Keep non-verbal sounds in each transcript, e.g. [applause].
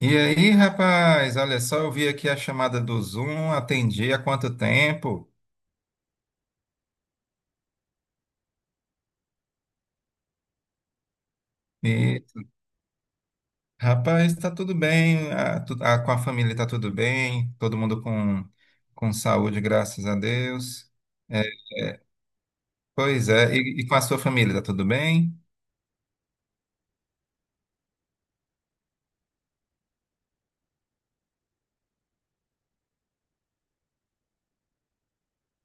E aí, rapaz, olha só, eu vi aqui a chamada do Zoom, atendi há quanto tempo? E, rapaz, tá tudo bem, com a família tá tudo bem, todo mundo com saúde, graças a Deus. É, é, Pois é, e com a sua família, tá tudo bem?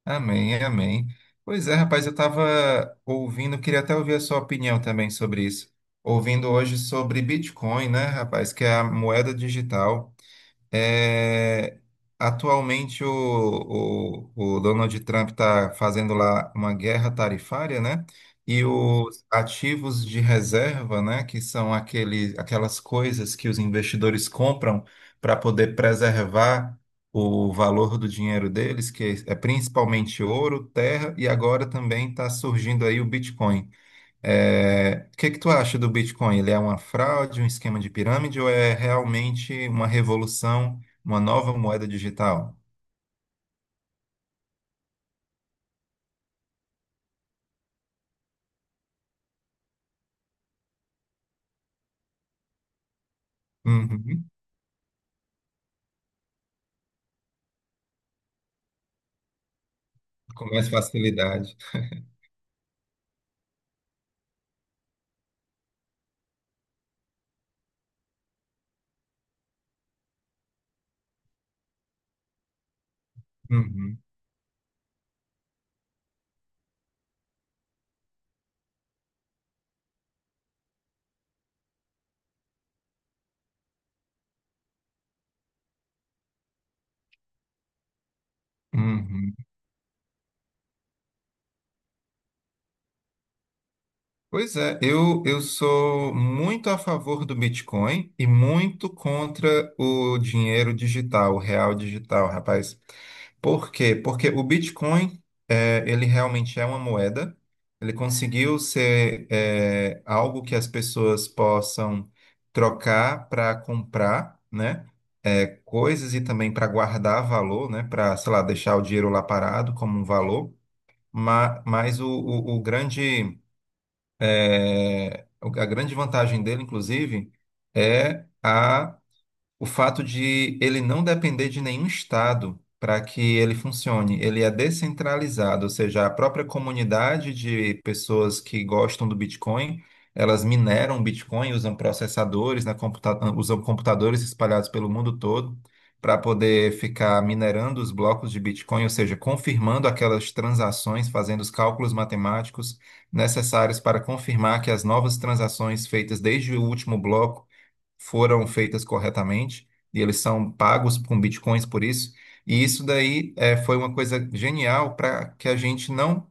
Amém, amém. Pois é, rapaz, eu estava ouvindo, queria até ouvir a sua opinião também sobre isso. Ouvindo hoje sobre Bitcoin, né, rapaz, que é a moeda digital. É, Atualmente o Donald Trump está fazendo lá uma guerra tarifária, né? E os ativos de reserva, né, que são aquelas coisas que os investidores compram para poder preservar o valor do dinheiro deles, que é principalmente ouro, terra, e agora também está surgindo aí o Bitcoin. É, o que que tu acha do Bitcoin? Ele é uma fraude, um esquema de pirâmide ou é realmente uma revolução, uma nova moeda digital? Uhum. Com mais facilidade. Uhum. Uhum. Pois é, eu sou muito a favor do Bitcoin e muito contra o dinheiro digital, o real digital, rapaz. Por quê? Porque o Bitcoin, ele realmente é uma moeda, ele conseguiu ser, algo que as pessoas possam trocar para comprar, né? Coisas e também para guardar valor, né? Para, sei lá, deixar o dinheiro lá parado como um valor. Mas o grande é, o- a grande vantagem dele, inclusive, é a o fato de ele não depender de nenhum estado para que ele funcione. Ele é descentralizado, ou seja, a própria comunidade de pessoas que gostam do Bitcoin, elas mineram Bitcoin, usam processadores, na computa usam computadores espalhados pelo mundo todo para poder ficar minerando os blocos de Bitcoin, ou seja, confirmando aquelas transações, fazendo os cálculos matemáticos necessários para confirmar que as novas transações feitas desde o último bloco foram feitas corretamente e eles são pagos com bitcoins por isso. E isso daí, foi uma coisa genial para que a gente não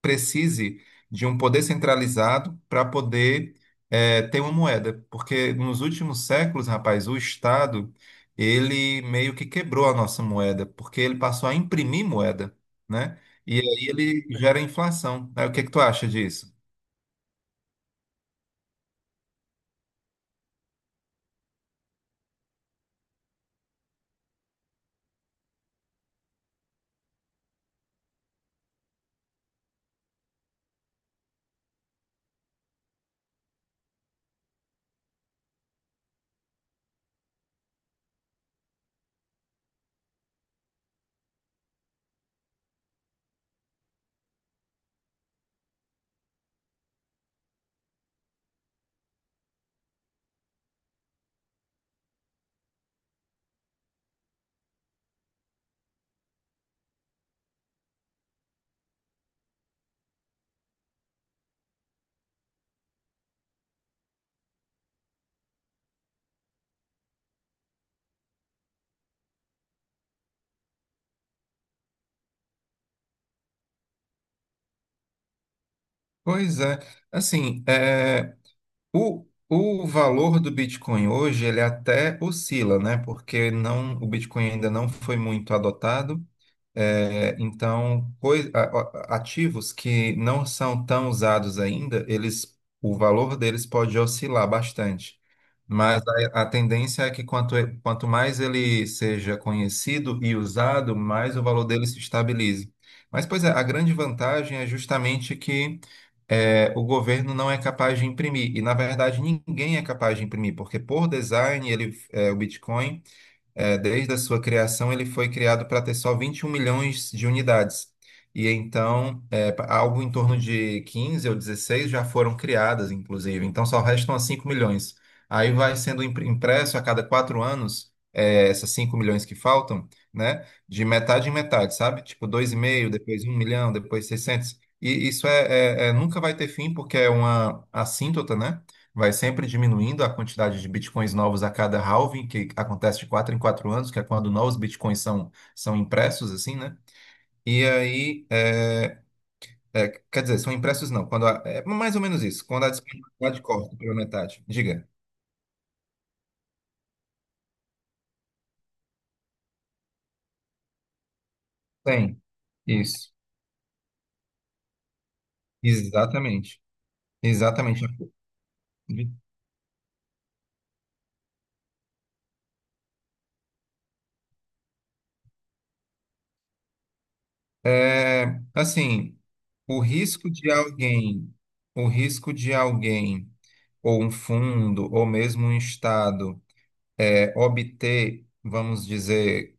precise de um poder centralizado para poder ter uma moeda, porque nos últimos séculos, rapaz, o Estado ele meio que quebrou a nossa moeda, porque ele passou a imprimir moeda, né? E aí ele gera inflação. Aí, o que que tu acha disso? Pois é, assim, O, o valor do Bitcoin hoje, ele até oscila, né? Porque não, o Bitcoin ainda não foi muito adotado. É, então, ativos que não são tão usados ainda, eles, o valor deles pode oscilar bastante. Mas a tendência é que quanto mais ele seja conhecido e usado, mais o valor dele se estabilize. Mas, pois é, a grande vantagem é justamente que, o governo não é capaz de imprimir. E, na verdade, ninguém é capaz de imprimir, porque por design ele, o Bitcoin. É, desde a sua criação, ele foi criado para ter só 21 milhões de unidades. E então, algo em torno de 15 ou 16 já foram criadas, inclusive. Então, só restam as 5 milhões. Aí vai sendo impresso a cada 4 anos, é, essas 5 milhões que faltam, né? De metade em metade, sabe? Tipo, 2,5, depois 1 milhão, depois 600. E isso nunca vai ter fim, porque é uma assíntota, né? Vai sempre diminuindo a quantidade de bitcoins novos a cada halving, que acontece de 4 em 4 anos, que é quando novos bitcoins são impressos, assim, né? E aí, quer dizer, são impressos não, quando a- é mais ou menos isso, quando a disponibilidade corta pela metade. Diga. Tem. Isso. Exatamente. Exatamente. É, assim, o risco de alguém, o risco de alguém, ou um fundo, ou mesmo um estado obter, vamos dizer,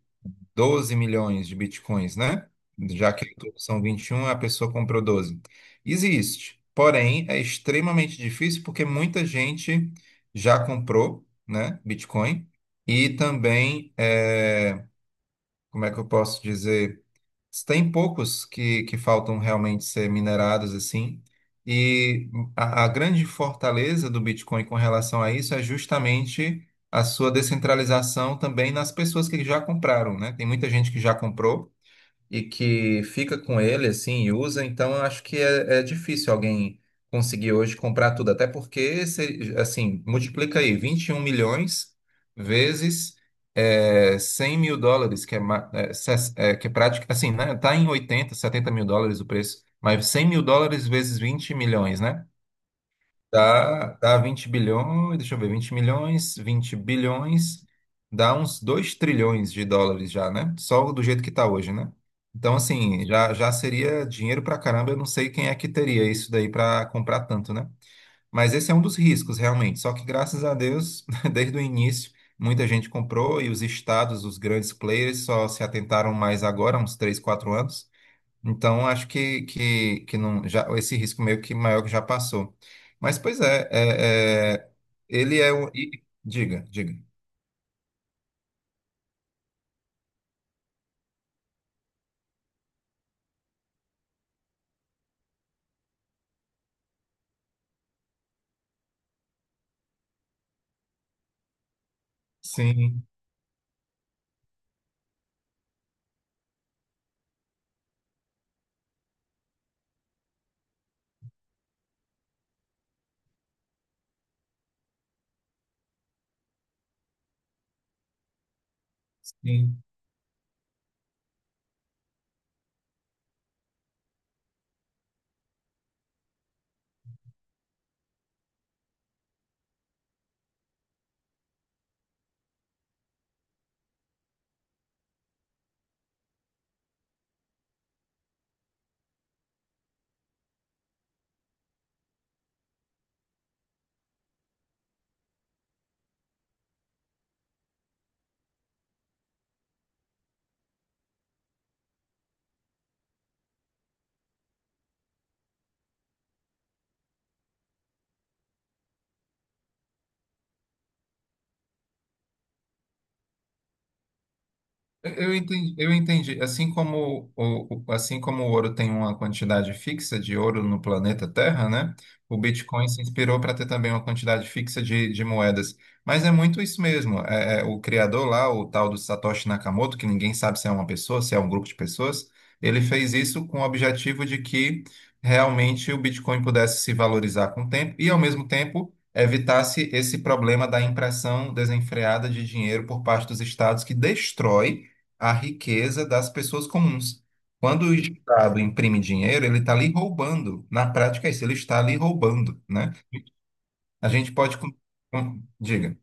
12 milhões de bitcoins, né? Já que são 21, a pessoa comprou 12. Existe, porém é extremamente difícil porque muita gente já comprou, né, Bitcoin e também, é, como é que eu posso dizer? Tem poucos que faltam realmente ser minerados, assim. E a grande fortaleza do Bitcoin com relação a isso é justamente a sua descentralização também nas pessoas que já compraram, né? Tem muita gente que já comprou e que fica com ele assim e usa, então eu acho que é, é difícil alguém conseguir hoje comprar tudo, até porque se, assim, multiplica aí 21 milhões vezes, 100 mil dólares, que é, ma- é, ses- é, que é prática, assim, né? Tá em 80 mil dólares, 70 mil dólares o preço, mas 100 mil dólares vezes 20 milhões, né? Dá 20 bilhões, deixa eu ver, 20 milhões, 20 bilhões, dá uns 2 trilhões de dólares já, né? Só do jeito que tá hoje, né? Então, assim, já seria dinheiro pra caramba, eu não sei quem é que teria isso daí pra comprar tanto, né? Mas esse é um dos riscos, realmente. Só que, graças a Deus, [laughs] desde o início, muita gente comprou e os estados, os grandes players, só se atentaram mais agora, uns 3, 4 anos. Então, acho que não, já, esse risco meio que maior que já passou. Mas, pois é, ele é o. Diga, diga. Sim, sim. Eu entendi, eu entendi. Assim como o, assim como o ouro tem uma quantidade fixa de ouro no planeta Terra, né? O Bitcoin se inspirou para ter também uma quantidade fixa de moedas. Mas é muito isso mesmo. O criador lá, o tal do Satoshi Nakamoto, que ninguém sabe se é uma pessoa, se é um grupo de pessoas, ele fez isso com o objetivo de que realmente o Bitcoin pudesse se valorizar com o tempo e, ao mesmo tempo, evitasse esse problema da impressão desenfreada de dinheiro por parte dos estados que destrói a riqueza das pessoas comuns. Quando o Estado imprime dinheiro, ele está ali roubando. Na prática, é isso, ele está ali roubando, né? A gente pode... Diga.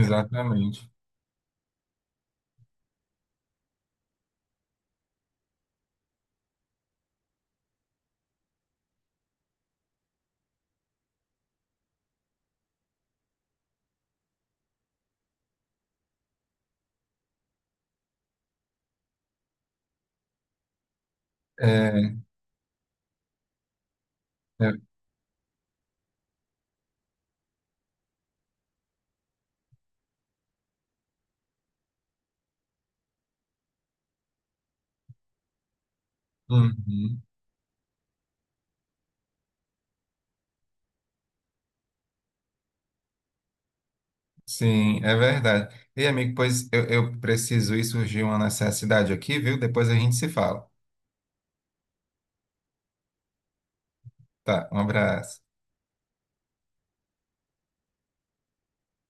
Exatamente. É, é, uhum. Sim, é verdade. E, amigo, pois eu preciso ir, surgiu uma necessidade aqui, viu? Depois a gente se fala. Tá, um abraço.